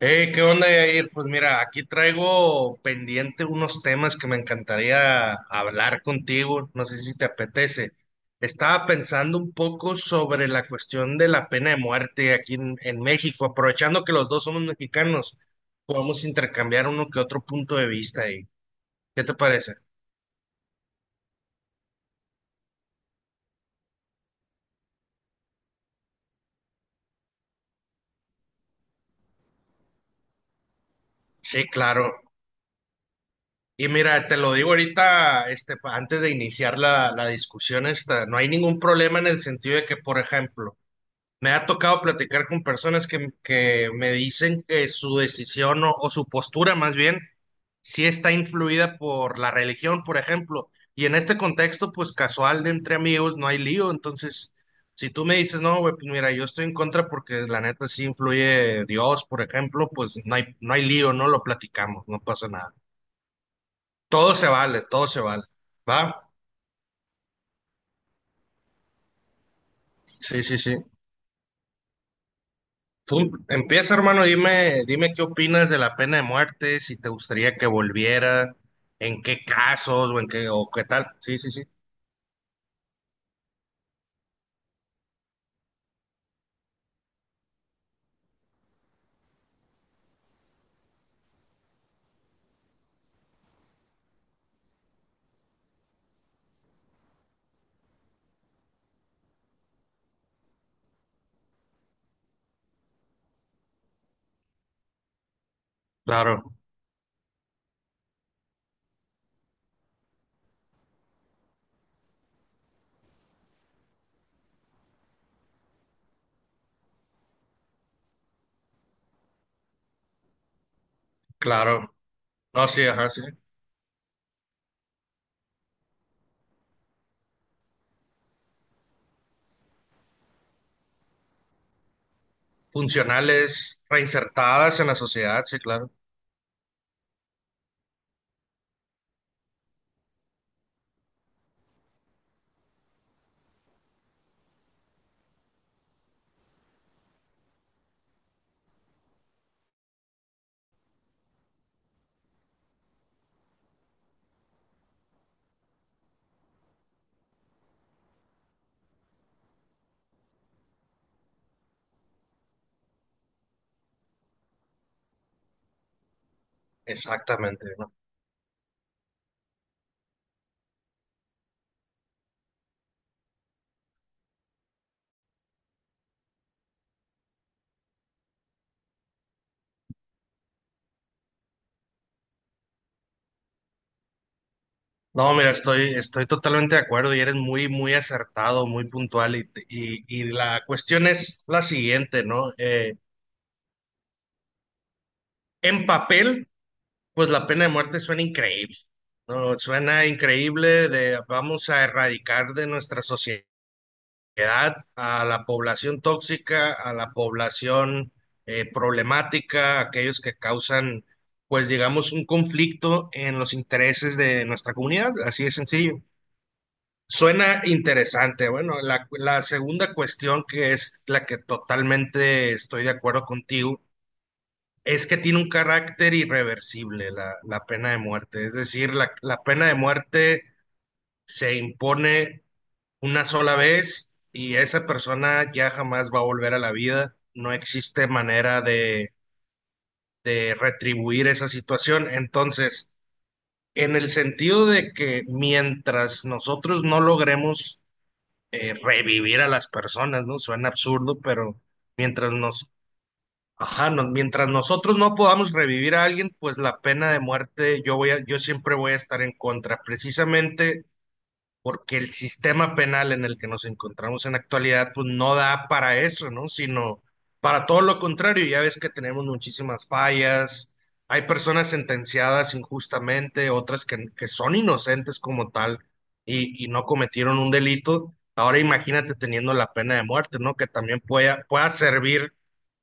¿Qué onda, Yair? Pues mira, aquí traigo pendiente unos temas que me encantaría hablar contigo, no sé si te apetece. Estaba pensando un poco sobre la cuestión de la pena de muerte aquí en México, aprovechando que los dos somos mexicanos, podemos intercambiar uno que otro punto de vista ahí. ¿Qué te parece? Sí, claro. Y mira, te lo digo ahorita, antes de iniciar la discusión esta, no hay ningún problema en el sentido de que, por ejemplo, me ha tocado platicar con personas que me dicen que su decisión o su postura más bien sí está influida por la religión, por ejemplo. Y en este contexto, pues casual de entre amigos, no hay lío. Entonces, si tú me dices, no, güey, pues mira, yo estoy en contra porque la neta sí influye Dios, por ejemplo, pues no hay lío, no lo platicamos, no pasa nada. Todo se vale, todo se vale. ¿Va? Sí, sí, sí. Tú empieza, hermano, dime, dime qué opinas de la pena de muerte, si te gustaría que volviera, en qué casos o en qué o qué tal. Sí, sí, sí. Claro, claro. No, sí, ajá, sí. Funcionales, reinsertadas en la sociedad, sí, claro. Exactamente, ¿no? No, mira, estoy totalmente de acuerdo y eres muy, muy acertado, muy puntual. Y la cuestión es la siguiente, ¿no? En papel. Pues la pena de muerte suena increíble, ¿no? Suena increíble de vamos a erradicar de nuestra sociedad a la población tóxica, a la población problemática, aquellos que causan, pues digamos, un conflicto en los intereses de nuestra comunidad, así de sencillo. Suena interesante. Bueno, la segunda cuestión que es la que totalmente estoy de acuerdo contigo es que tiene un carácter irreversible la pena de muerte. Es decir, la pena de muerte se impone una sola vez y esa persona ya jamás va a volver a la vida. No existe manera de retribuir esa situación. Entonces, en el sentido de que mientras nosotros no logremos revivir a las personas, ¿no? Suena absurdo, pero mientras nos, ajá, mientras nosotros no podamos revivir a alguien, pues la pena de muerte yo siempre voy a estar en contra, precisamente porque el sistema penal en el que nos encontramos en la actualidad, pues no da para eso, ¿no? Sino para todo lo contrario, ya ves que tenemos muchísimas fallas, hay personas sentenciadas injustamente, otras que son inocentes como tal y no cometieron un delito. Ahora imagínate teniendo la pena de muerte, ¿no? Que también pueda servir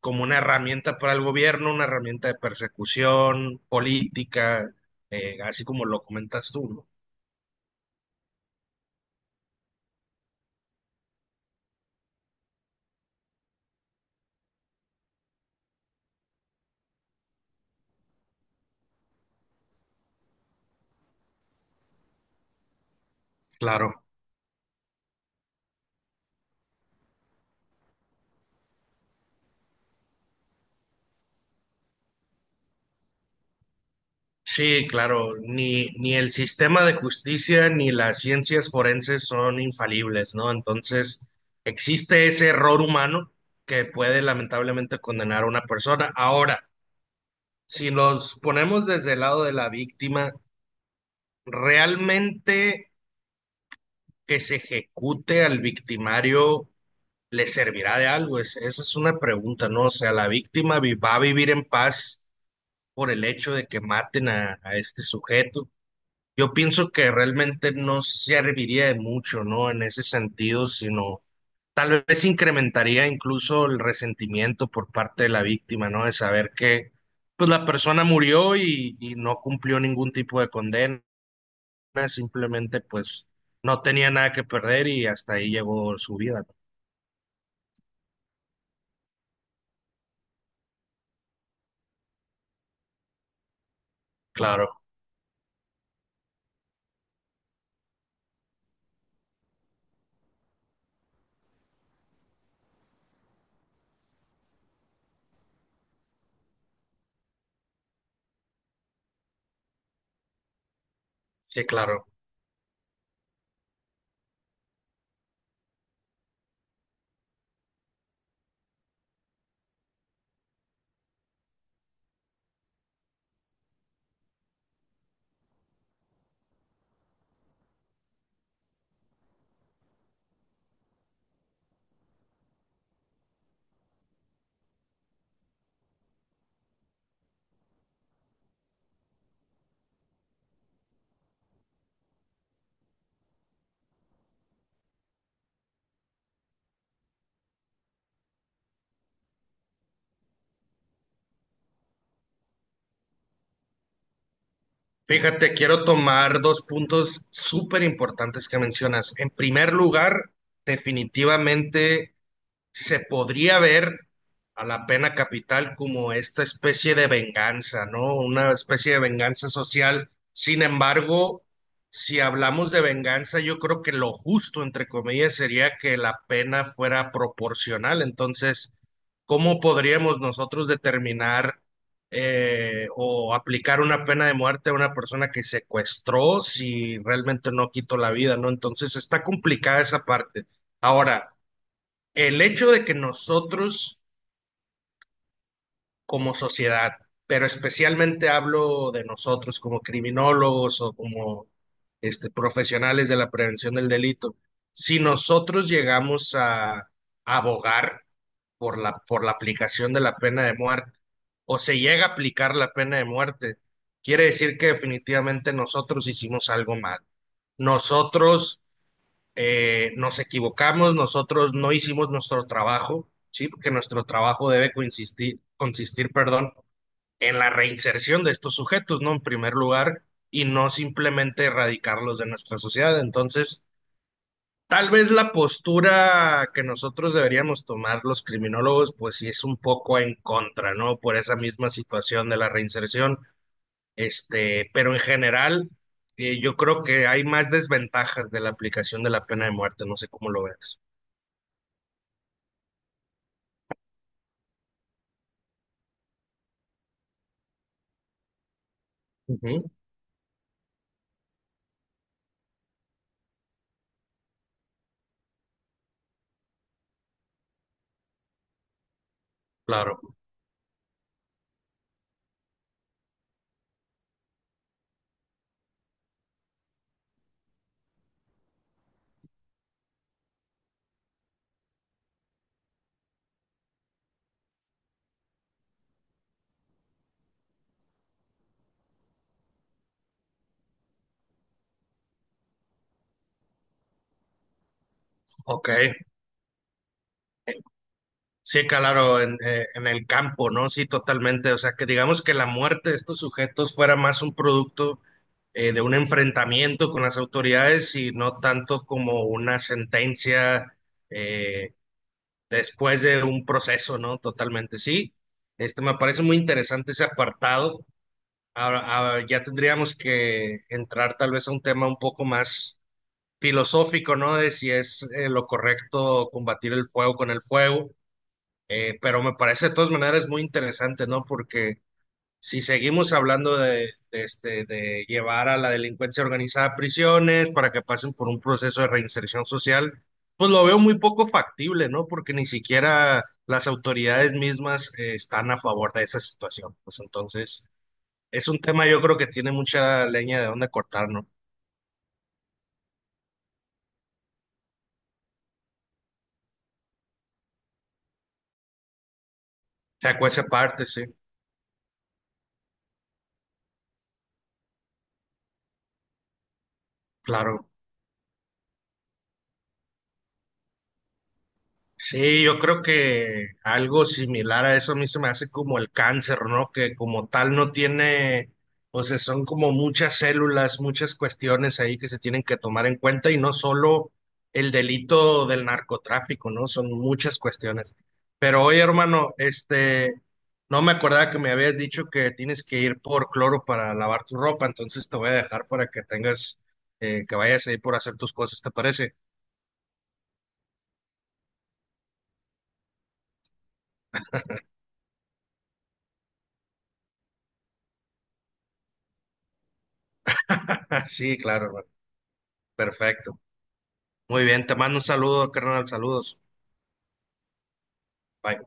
como una herramienta para el gobierno, una herramienta de persecución política, así como lo comentas tú, ¿no? Claro. Sí, claro, ni el sistema de justicia ni las ciencias forenses son infalibles, ¿no? Entonces, existe ese error humano que puede lamentablemente condenar a una persona. Ahora, si nos ponemos desde el lado de la víctima, realmente que se ejecute al victimario, ¿le servirá de algo? Esa es una pregunta, ¿no? O sea, ¿la víctima va a vivir en paz por el hecho de que maten a este sujeto? Yo pienso que realmente no serviría de mucho, ¿no? En ese sentido, sino tal vez incrementaría incluso el resentimiento por parte de la víctima, ¿no? De saber que, pues, la persona murió y no cumplió ningún tipo de condena, simplemente, pues, no tenía nada que perder y hasta ahí llegó su vida. Claro, sí, claro. Fíjate, quiero tomar dos puntos súper importantes que mencionas. En primer lugar, definitivamente se podría ver a la pena capital como esta especie de venganza, ¿no? Una especie de venganza social. Sin embargo, si hablamos de venganza, yo creo que lo justo, entre comillas, sería que la pena fuera proporcional. Entonces, ¿cómo podríamos nosotros determinar o aplicar una pena de muerte a una persona que secuestró si realmente no quitó la vida, ¿no? Entonces, está complicada esa parte. Ahora, el hecho de que nosotros como sociedad, pero especialmente hablo de nosotros como criminólogos o como este, profesionales de la prevención del delito, si nosotros llegamos a abogar por la aplicación de la pena de muerte o se llega a aplicar la pena de muerte, quiere decir que definitivamente nosotros hicimos algo mal. Nosotros nos equivocamos, nosotros no hicimos nuestro trabajo, ¿sí? Porque nuestro trabajo debe consistir, perdón, en la reinserción de estos sujetos, ¿no? En primer lugar, y no simplemente erradicarlos de nuestra sociedad. Entonces, tal vez la postura que nosotros deberíamos tomar los criminólogos, pues sí es un poco en contra, ¿no? Por esa misma situación de la reinserción, este, pero en general... Yo creo que hay más desventajas de la aplicación de la pena de muerte, no sé cómo lo ves. Ujú, claro, ok. Sí, claro, en el campo, ¿no? Sí, totalmente. O sea, que digamos que la muerte de estos sujetos fuera más un producto de un enfrentamiento con las autoridades y no tanto como una sentencia eh, después de un proceso, ¿no? Totalmente, sí. Este me parece muy interesante ese apartado. Ahora ya tendríamos que entrar tal vez a un tema un poco más filosófico, ¿no? De si es lo correcto combatir el fuego con el fuego, pero me parece de todas maneras muy interesante, ¿no? Porque si seguimos hablando de este, de llevar a la delincuencia organizada a prisiones para que pasen por un proceso de reinserción social, pues lo veo muy poco factible, ¿no? Porque ni siquiera las autoridades mismas están a favor de esa situación. Pues entonces, es un tema yo creo que tiene mucha leña de dónde cortar, ¿no? O sea, cuece parte, sí, claro. Sí, yo creo que algo similar a eso a mí se me hace como el cáncer, ¿no? Que como tal no tiene, o sea, son como muchas células, muchas cuestiones ahí que se tienen que tomar en cuenta y no solo el delito del narcotráfico, ¿no? Son muchas cuestiones. Pero oye, hermano, este, no me acordaba que me habías dicho que tienes que ir por cloro para lavar tu ropa, entonces te voy a dejar para que tengas, que vayas a ir por hacer tus cosas, ¿te parece? Sí, claro, hermano. Perfecto. Muy bien, te mando un saludo, carnal, saludos. Bye.